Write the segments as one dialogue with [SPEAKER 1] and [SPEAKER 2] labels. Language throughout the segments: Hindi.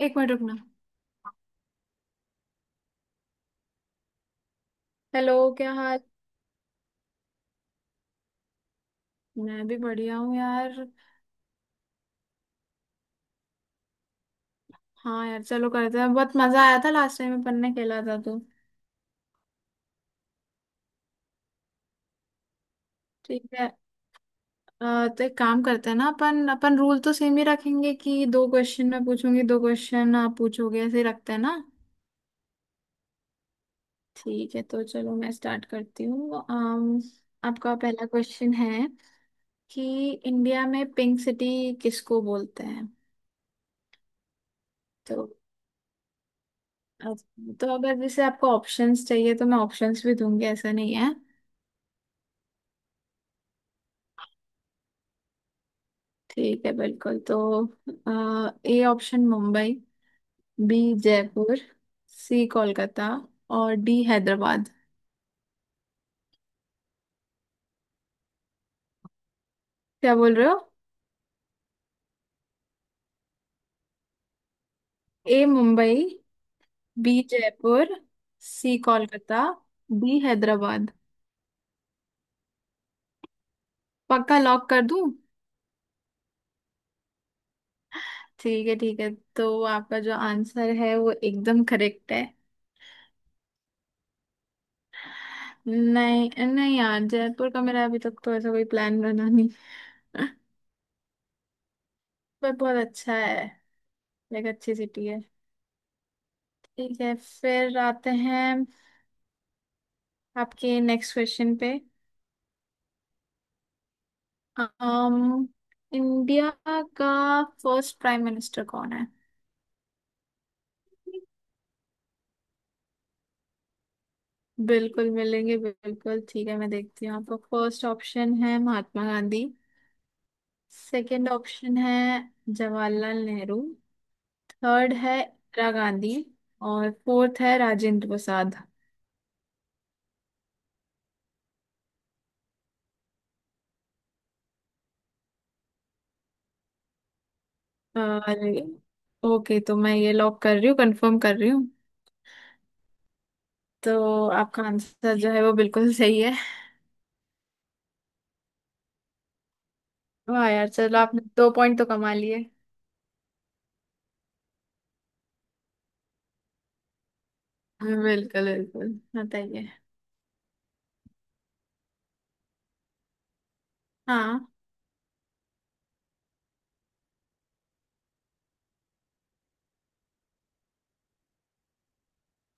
[SPEAKER 1] एक मिनट रुकना। हेलो। क्या हाल? मैं भी बढ़िया हूँ यार। हाँ यार चलो करते हैं, बहुत मजा आया था लास्ट टाइम अपन ने खेला था तो। ठीक है। तो एक काम करते हैं ना, अपन अपन रूल तो सेम ही रखेंगे, कि दो क्वेश्चन मैं पूछूंगी, दो क्वेश्चन आप पूछोगे, ऐसे ही रखते हैं ना। ठीक है तो चलो मैं स्टार्ट करती हूँ। आपका पहला क्वेश्चन है कि इंडिया में पिंक सिटी किसको बोलते हैं। तो तो अगर जैसे आपको ऑप्शंस चाहिए तो मैं ऑप्शंस भी दूंगी, ऐसा नहीं है। ठीक है बिल्कुल। तो A option Mumbai. B Jaipur. C Kolkata. और डी हैदराबाद। क्या बोल रहे हो? A Mumbai. B Jaipur. C Kolkata. D Hyderabad. पक्का लॉक कर दूं? ठीक है, ठीक है। तो आपका जो आंसर है वो एकदम करेक्ट है। नहीं नहीं यार, जयपुर का मेरा अभी तक तो ऐसा कोई प्लान बना नहीं। पर बहुत अच्छा है। लाइक अच्छी सिटी है। ठीक है, फिर आते हैं आपके नेक्स्ट क्वेश्चन पे। um, इंडिया का फर्स्ट प्राइम मिनिस्टर कौन है? बिल्कुल मिलेंगे, बिल्कुल ठीक है, मैं देखती हूँ। आपका फर्स्ट ऑप्शन है महात्मा गांधी। सेकंड ऑप्शन है जवाहरलाल नेहरू। थर्ड है इंदिरा गांधी। और फोर्थ है राजेंद्र प्रसाद। और ओके, तो मैं ये लॉक कर रही हूँ, कंफर्म कर रही हूँ। तो आपका आंसर जो है वो बिल्कुल सही है। वाह यार, चलो आपने 2 पॉइंट तो कमा लिए। बिल्कुल बिल्कुल, बताइए। हाँ,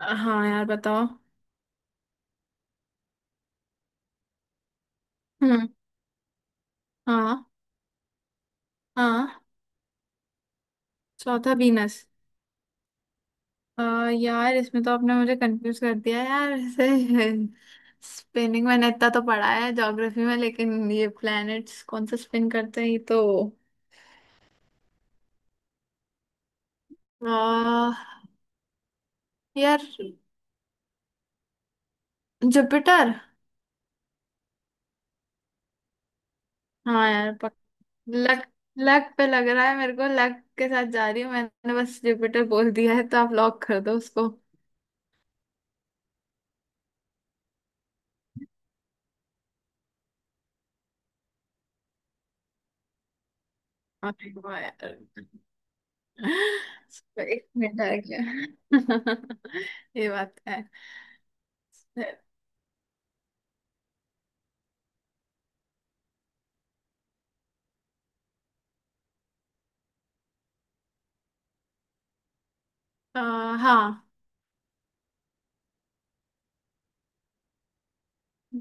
[SPEAKER 1] हाँ यार बताओ। हम्म। हाँ। हाँ। चौथा बीनस। यार इसमें तो आपने मुझे कंफ्यूज कर दिया यार ऐसे। स्पिनिंग मैंने इतना तो पढ़ा है ज्योग्राफी में, लेकिन ये प्लैनेट्स कौन सा स्पिन करते हैं ये तो। आ, यार जुपिटर। हाँ यार लक। लक पे लग रहा है, मेरे को लक के साथ जा रही हूँ, मैंने बस जुपिटर बोल दिया है तो आप लॉक कर दो उसको। हाँ, ठीक है यार। सॉरी बेटा आ गया। ये बात है। अ, हाँ।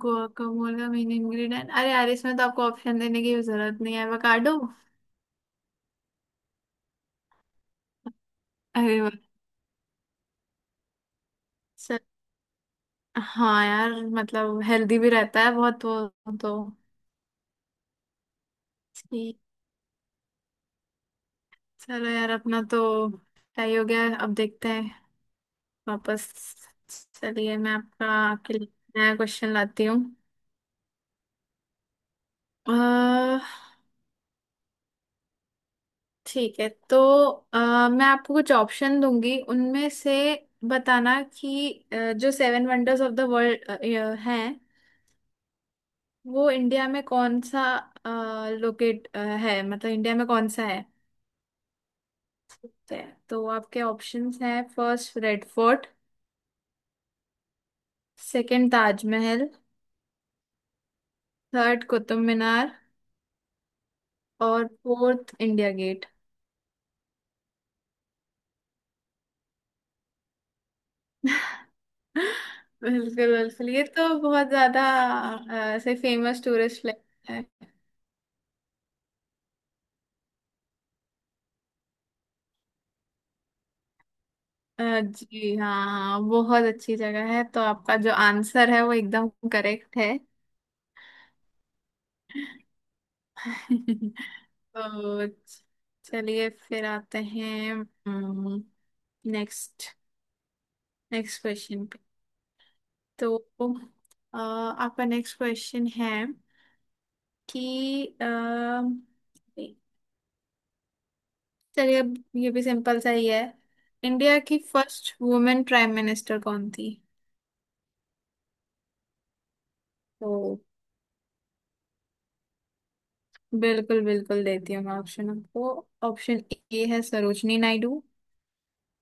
[SPEAKER 1] गुआकामोल का मेन इंग्रेडिएंट? अरे यार इसमें तो आपको ऑप्शन देने की भी जरूरत नहीं है, एवोकाडो। अरे वाह। सर। हाँ यार। मतलब हेल्दी भी रहता है बहुत वो तो। ठीक। चलो यार अपना तो तय हो गया, अब देखते हैं वापस। चलिए मैं आपका आपके लिए नया क्वेश्चन लाती हूँ। अ, ठीक है तो अ, मैं आपको कुछ ऑप्शन दूंगी उनमें से बताना कि जो seven wonders of the world हैं वो इंडिया में कौन सा लोकेट है, मतलब इंडिया में कौन सा है। तो तो आपके ऑप्शंस हैं, first red fort. Second Taj Mahal. Third Qutub Minar. और फोर्थ इंडिया गेट। बिल्कुल बिल्कुल, ये तो बहुत ज्यादा ऐसे फेमस टूरिस्ट प्लेस है। जी हाँ, हाँ, बहुत अच्छी जगह है। तो आपका जो आंसर है वो एकदम करेक्ट है। तो चलिए फिर आते हैं नेक्स्ट नेक्स्ट क्वेश्चन पे। तो आपका नेक्स्ट क्वेश्चन है कि चलिए अब ये भी सिंपल सा ही है। इंडिया की फर्स्ट वुमेन प्राइम मिनिस्टर कौन थी? तो बिल्कुल बिल्कुल, देती हूँ मैं ऑप्शन आपको। ऑप्शन ए है सरोजनी नायडू।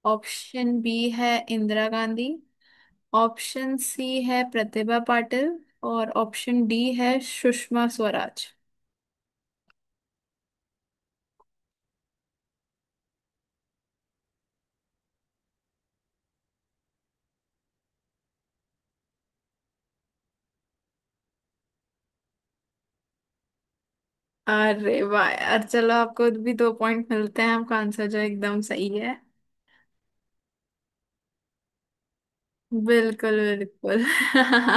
[SPEAKER 1] ऑप्शन बी है इंदिरा गांधी। ऑप्शन सी है प्रतिभा पाटिल। और ऑप्शन डी है सुषमा स्वराज। अरे वाह यार, चलो आपको भी 2 पॉइंट मिलते हैं, आपका आंसर जो एकदम सही है। बिल्कुल बिल्कुल।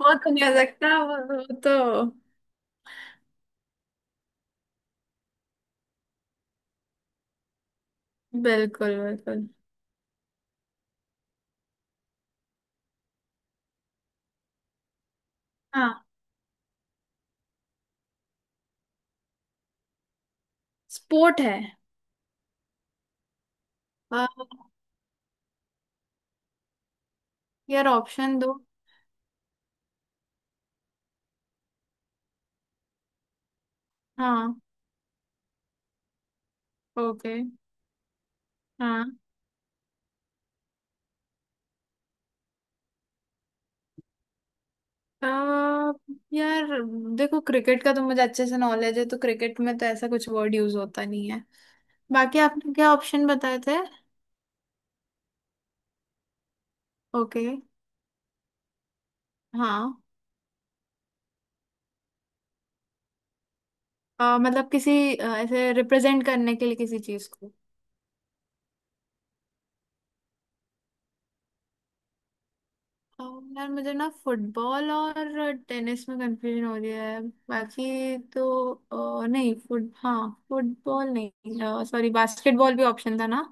[SPEAKER 1] वो तो नहीं हो सकता, वो तो। बिल्कुल बिल्कुल। हाँ स्पोर्ट है। आ, यार ऑप्शन दो। हाँ। ओके। हाँ। आ, यार देखो क्रिकेट का तो मुझे अच्छे से नॉलेज है, तो क्रिकेट में तो ऐसा कुछ वर्ड यूज होता नहीं है। बाकी आपने क्या ऑप्शन बताए थे? ओके। हाँ। मतलब किसी ऐसे रिप्रेजेंट करने के लिए किसी चीज को। आ, यार मुझे ना फुटबॉल और टेनिस में कंफ्यूजन हो रही है। बाकी तो नहीं। फुट हाँ फुटबॉल नहीं, सॉरी, बास्केटबॉल भी ऑप्शन था ना।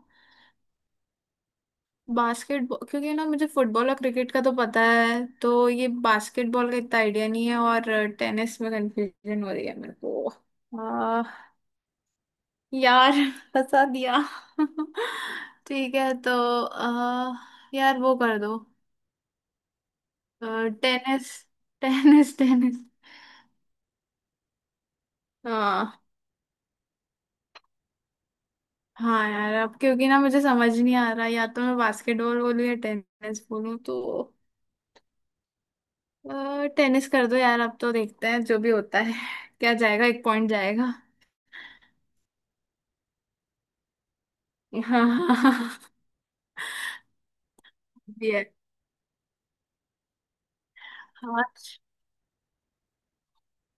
[SPEAKER 1] बास्केटबॉल, क्योंकि ना मुझे फुटबॉल और क्रिकेट का तो पता है, तो ये बास्केटबॉल का इतना आइडिया नहीं है, और टेनिस में कंफ्यूजन हो रही है मेरे को। आ, यार फंसा दिया। ठीक है तो आ, यार वो कर दो। टेनिस। Tennis, tennis. हाँ, हाँ यार, अब क्योंकि ना मुझे समझ नहीं आ रहा, या तो मैं बास्केटबॉल बोलूँ या टेनिस बोलूँ। तो टेनिस कर दो यार, अब तो देखते हैं जो भी होता है। क्या जाएगा, 1 पॉइंट जाएगा। हाँ, हाँ, हाँ। ये हाथ।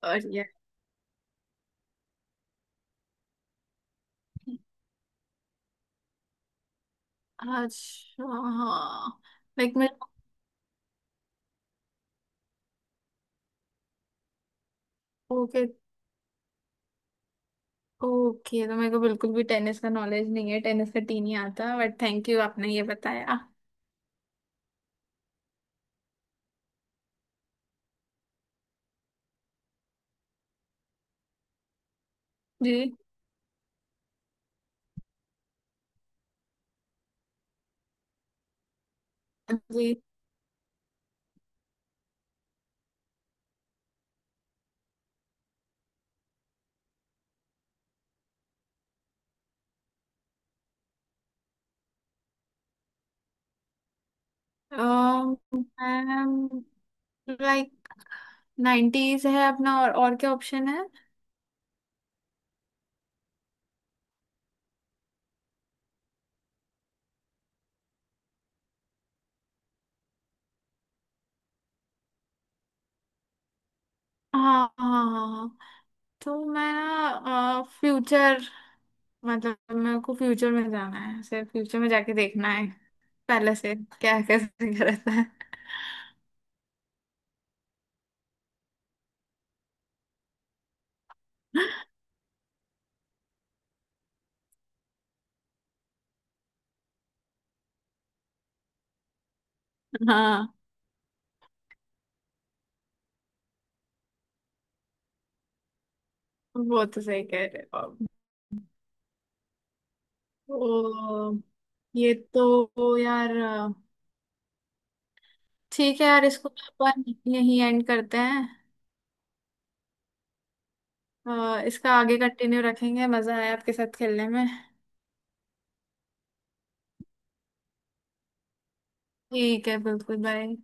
[SPEAKER 1] और ये। अच्छा हाँ। लाइक मेरे। ओके। ओके तो मेरे को बिल्कुल भी टेनिस का नॉलेज नहीं है, टेनिस का टी नहीं आता, बट थैंक यू आपने ये बताया। जी। जी। लाइक 90s है अपना। और क्या ऑप्शन है? हाँ, हाँ, हाँ, हाँ। तो मैं ना फ्यूचर, मतलब मेरे को फ्यूचर में जाना है, सिर्फ फ्यूचर में जाके देखना है पहले से क्या कैसे क्या रहता है। हाँ वो तो सही कह रहे हो आप। तो ये तो यार, ठीक है यार, इसको अपन यहीं एंड करते हैं। इसका आगे कंटिन्यू रखेंगे, मजा आया आपके साथ खेलने में। ठीक है बिल्कुल, बाय।